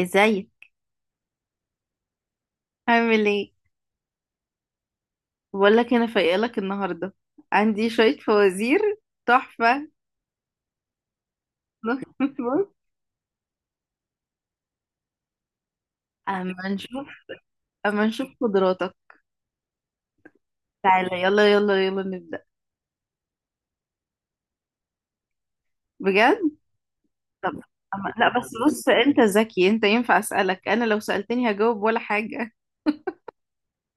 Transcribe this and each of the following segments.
ازاي؟ عامل ايه؟ بقول لك انا فايقه لك النهارده. عندي شويه فوازير تحفه. بص. اما نشوف اما نشوف قدراتك. تعالى يلا يلا يلا نبدا. بجد؟ طب. لا بس بص، انت ذكي، انت ينفع اسالك؟ انا لو سالتني هجاوب ولا حاجه؟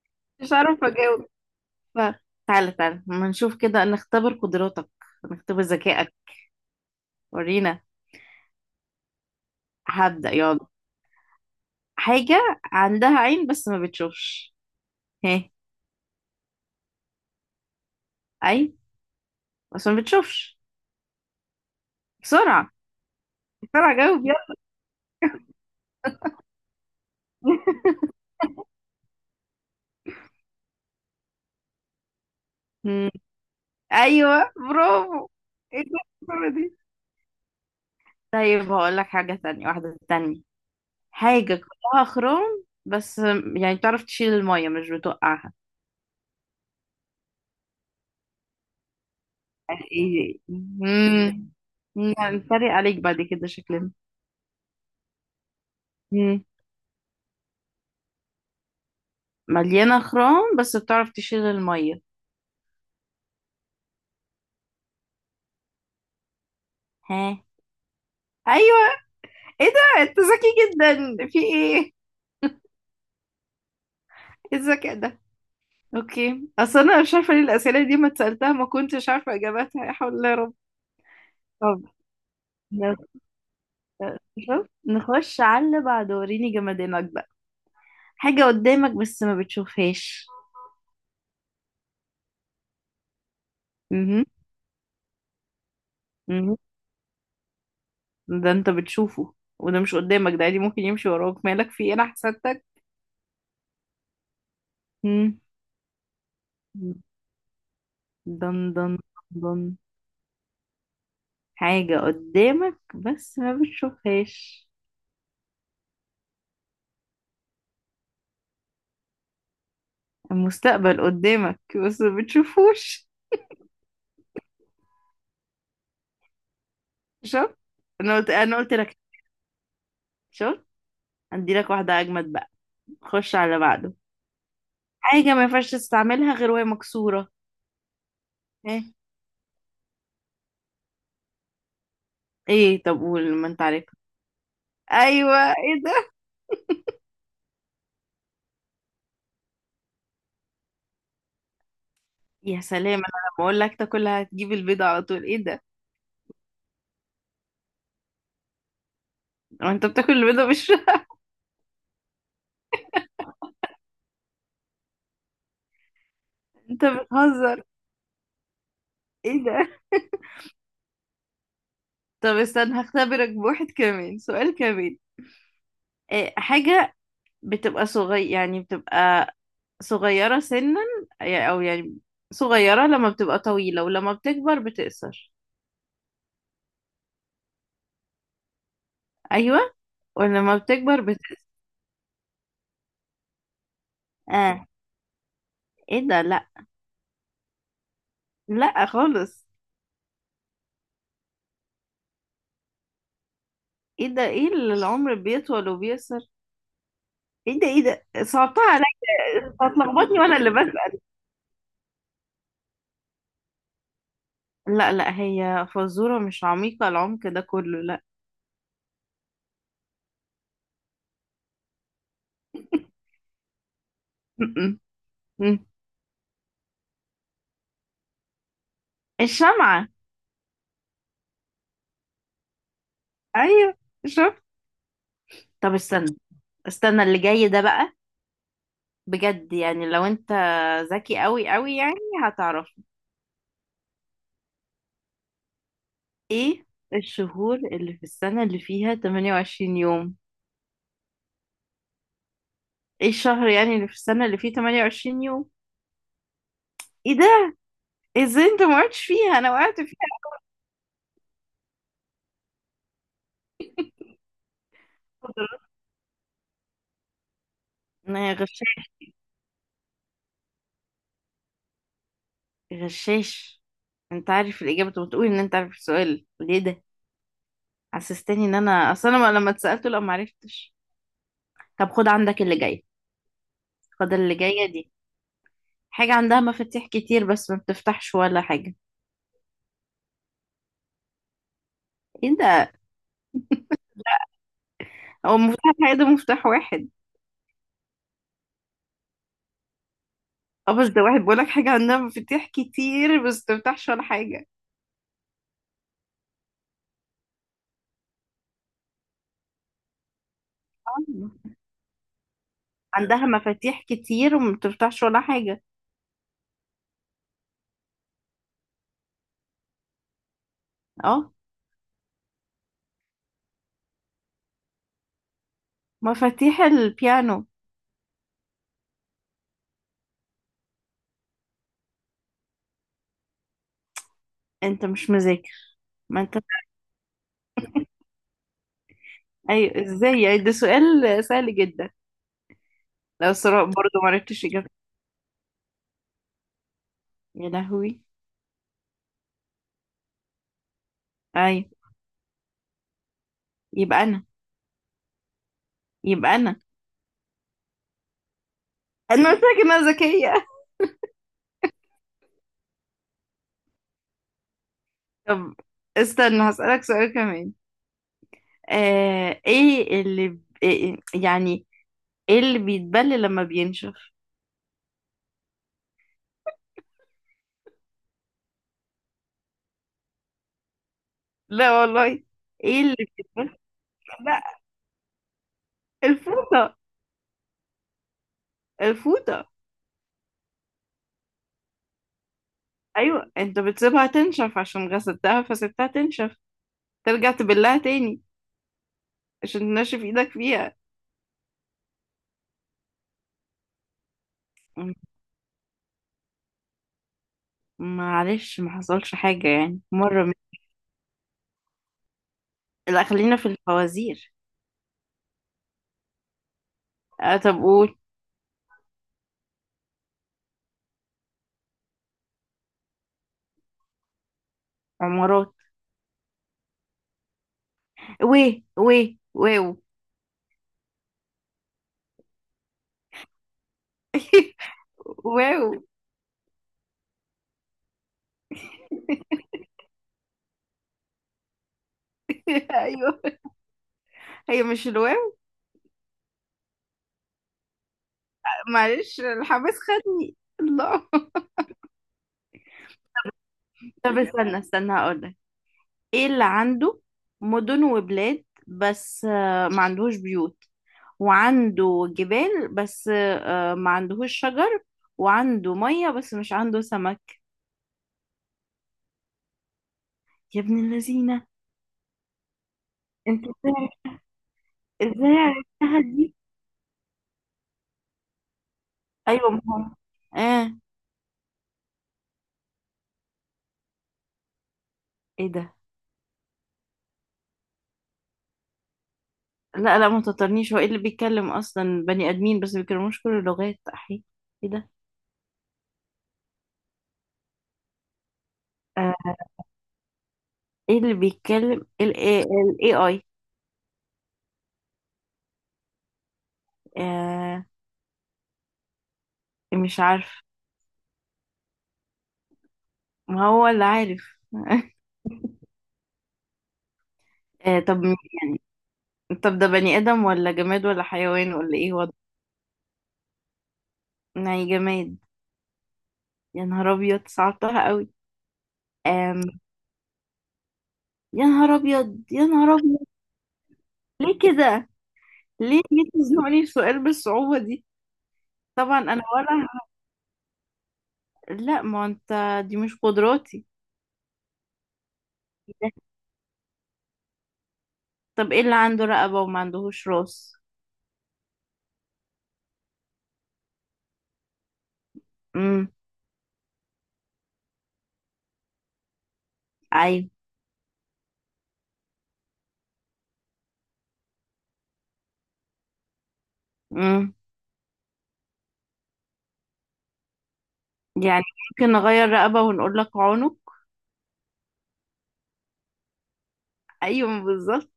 مش هعرف اجاوب. ف... تعالى اما نشوف كده، نختبر قدراتك، نختبر ذكائك، ورينا. هبدا يلا. حاجه عندها عين بس ما بتشوفش. ها؟ اي، بس ما بتشوفش. بسرعة، بسرعة جاوب يلا. مم. أيوة، برافو. ايه ده الصورة دي؟ طيب هقول لك حاجة تانية، واحدة تانية. حاجة كلها خرام بس، يعني تعرف تشيل المية، مش بتوقعها. ايه؟ يعني نتريق عليك بعد كده شكلنا. مم. مليانة خرام بس بتعرف تشيل المية. ها؟ ايوه. ايه ده، انت ذكي جدا، في ايه؟ ايه الذكاء ده؟ اوكي، اصل انا مش عارفه ليه الاسئله دي ما اتسالتها، ما كنتش عارفه اجاباتها، يا حول الله يا رب. طب. نخ- شوف، نخش على اللي بعده، وريني جمدانك بقى. حاجة قدامك بس ما بتشوفهاش. امم. ده انت بتشوفه، وده مش قدامك، ده عادي ممكن يمشي وراك، مالك في ايه، انا حسدتك. مم. دن دن دن. حاجة قدامك بس ما بتشوفهاش. المستقبل قدامك بس ما بتشوفوش. شفت؟ انا قلت لك. شفت؟ ادي لك واحدة اجمد بقى، خش على اللي بعده. حاجة ما ينفعش تستعملها غير وهي مكسورة. ايه؟ طب قول ما انت عارف. ايوه، ايه ده؟ يا سلام. انا لما اقول لك تاكلها هتجيب البيضه على طول، ايه ده؟ هو انت بتاكل البيضه مش؟ انت بتهزر، ايه ده؟ طب استنى، هختبرك بواحد كمان، سؤال كمان. إيه حاجه بتبقى صغير، يعني بتبقى صغيره سنا، او يعني صغيره لما بتبقى طويله ولما بتكبر بتقصر؟ ايوه، ولما بتكبر بتقصر. اه. ايه ده، لا. لا خالص. ايه ده، ايه اللي العمر بيطول وبيقصر؟ ايه ده، ايه ده، صعبتها عليا. أنت هتلخبطني وانا اللي بسأل. لا لا، هي فزورة مش عميقة العمق ده كله، لا. م-م. م. الشمعة. ايوه، شفت؟ طب استنى. استنى اللي جاي ده بقى، بجد يعني، لو انت ذكي قوي قوي، يعني هتعرف. ايه الشهور اللي في السنة اللي فيها 28 يوم؟ ايه الشهر يعني اللي في السنة اللي فيه 28 يوم؟ ايه ده، ازاي انت ما وقعتش فيها، انا وقعت فيها. غشاش، انت عارف الاجابه، طب تقول ان انت عارف السؤال ليه ده، حسستني ان انا اصلا، أنا لما اتسالته لا ما عرفتش. طب خد عندك اللي جاي، خد اللي جايه دي. حاجه عندها مفاتيح كتير بس ما بتفتحش ولا حاجه. ايه ده؟ هو مفتاح حاجه، ده مفتاح واحد. اه بس ده واحد، بيقول لك حاجه عندها مفاتيح كتير بس ما بتفتحش ولا حاجه. آه. عندها مفاتيح كتير وما بتفتحش ولا حاجه. اه، مفاتيح البيانو. انت مش مذاكر؟ ما انت، ايوه ازاي يعني، ده سؤال سهل جدا. لو سراء برضه معرفتش اجابتها. يا لهوي. ايوه. يبقى انا. يبقى انا. قلت لك انها ذكية. طب استنى، هسألك سؤال كمان. آه. إيه يعني ايه اللي بيتبل لما بينشف؟ لا والله. ايه اللي بيتبل؟ لا، الفوطة. الفوطة. ايوه، انت بتسيبها تنشف، عشان غسلتها فسبتها تنشف، ترجع تبلها تاني عشان تنشف ايدك فيها. م- معلش، ما حصلش حاجة يعني، لا خلينا في الفوازير. آه طب قول. عمارات. وي وي واو. واو. ايوه، هي مش الواو، معلش الحماس خدني الله. طب استنى، استنى هقول لك. ايه اللي عنده مدن وبلاد بس آه، ما عندهوش بيوت، وعنده جبال بس آه، ما عندهوش شجر، وعنده مية بس مش عنده سمك؟ يا ابن اللذينة، انت ازاي؟ ازاي عرفتها دي؟ ايوه، ما هو. اه. ايه ده، لا. لا ما تطرنيش، هو ايه اللي بيتكلم اصلا، بني ادمين بس ما بيتكلموش كل اللغات، احي. ايه ده؟ آه، ايه اللي بيتكلم ال ال AI. آه، مش عارف. ما هو اللي عارف. آه طب. طب ده بني ادم ولا جماد ولا حيوان ولا ايه وضع؟ يعني جماد. يا نهار ابيض، صعبتها قوي. آم. يا نهار ابيض، يا نهار ابيض، ليه كده، ليه، ليه تزنقني في سؤال بالصعوبة دي. طبعا انا ولا، لا ما انت، دي مش قدراتي. طب ايه اللي عنده رقبة وما عندهوش راس؟ امم. ايوه. امم. يعني، ممكن نغير رقبة ونقول لك عنق. ايوه بالظبط.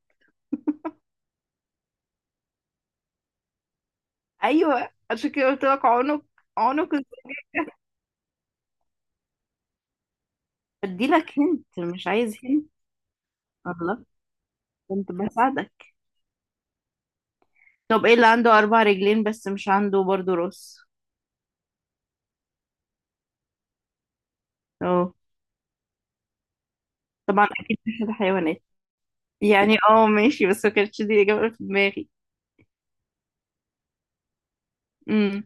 ايوه عشان كده قلت لك عنق. عنق إز- بدي لك، هنت مش عايز هنت. الله، كنت بساعدك. طب ايه اللي عنده اربع رجلين بس مش عنده برضه راس؟ اه. طبعا اكيد مش الحيوانات. يعني اه ماشي، بس ما كانتش دي الاجابة اللي في دماغي. امم.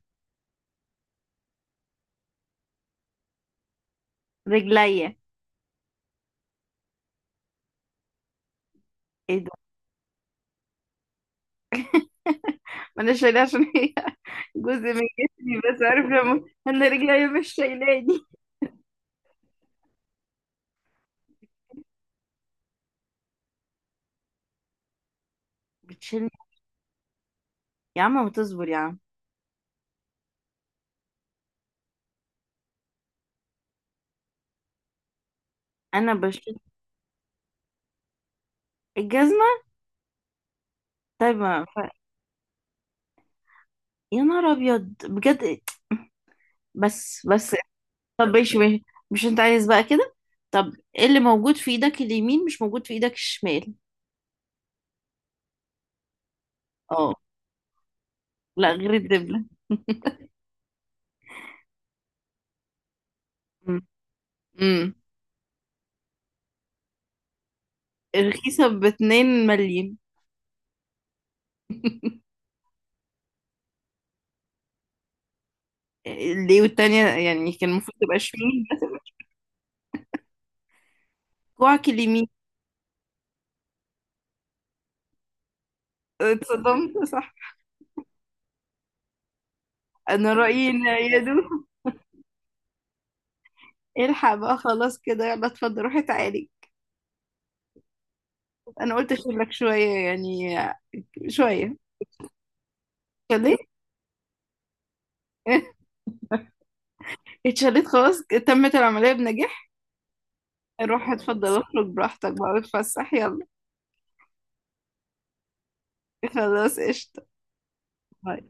رجليا. ايه ده، انا شايلاه عشان هي جزء من جسمي، بس عارف لما انا رجلي مش شايلاني. بتشيلني. يا عم ما تصبر يا عم. انا بشيل الجزمه. طيب، يا نهار ابيض بجد. بس بس. طب ماشي ماشي، مش انت عايز بقى كده. طب ايه اللي موجود في ايدك اليمين مش موجود في ايدك الشمال؟ اه، لا غير الدبله. امم. أمم. رخيصه باتنين مليم. ليه والتانية يعني، كان المفروض تبقى شمال بس. كوعك اليمين. اتصدمت صح؟ انا رأيي ان يدو الحق. بقى خلاص كده، يلا اتفضل، روحي تعالي. انا قلت اشيلك شوية يعني، شوية. اتشليت. اتشليت خلاص، تمت العملية بنجاح. روح اتفضل، اخرج براحتك بقى، اتفسح يلا. خلاص قشطة. باي.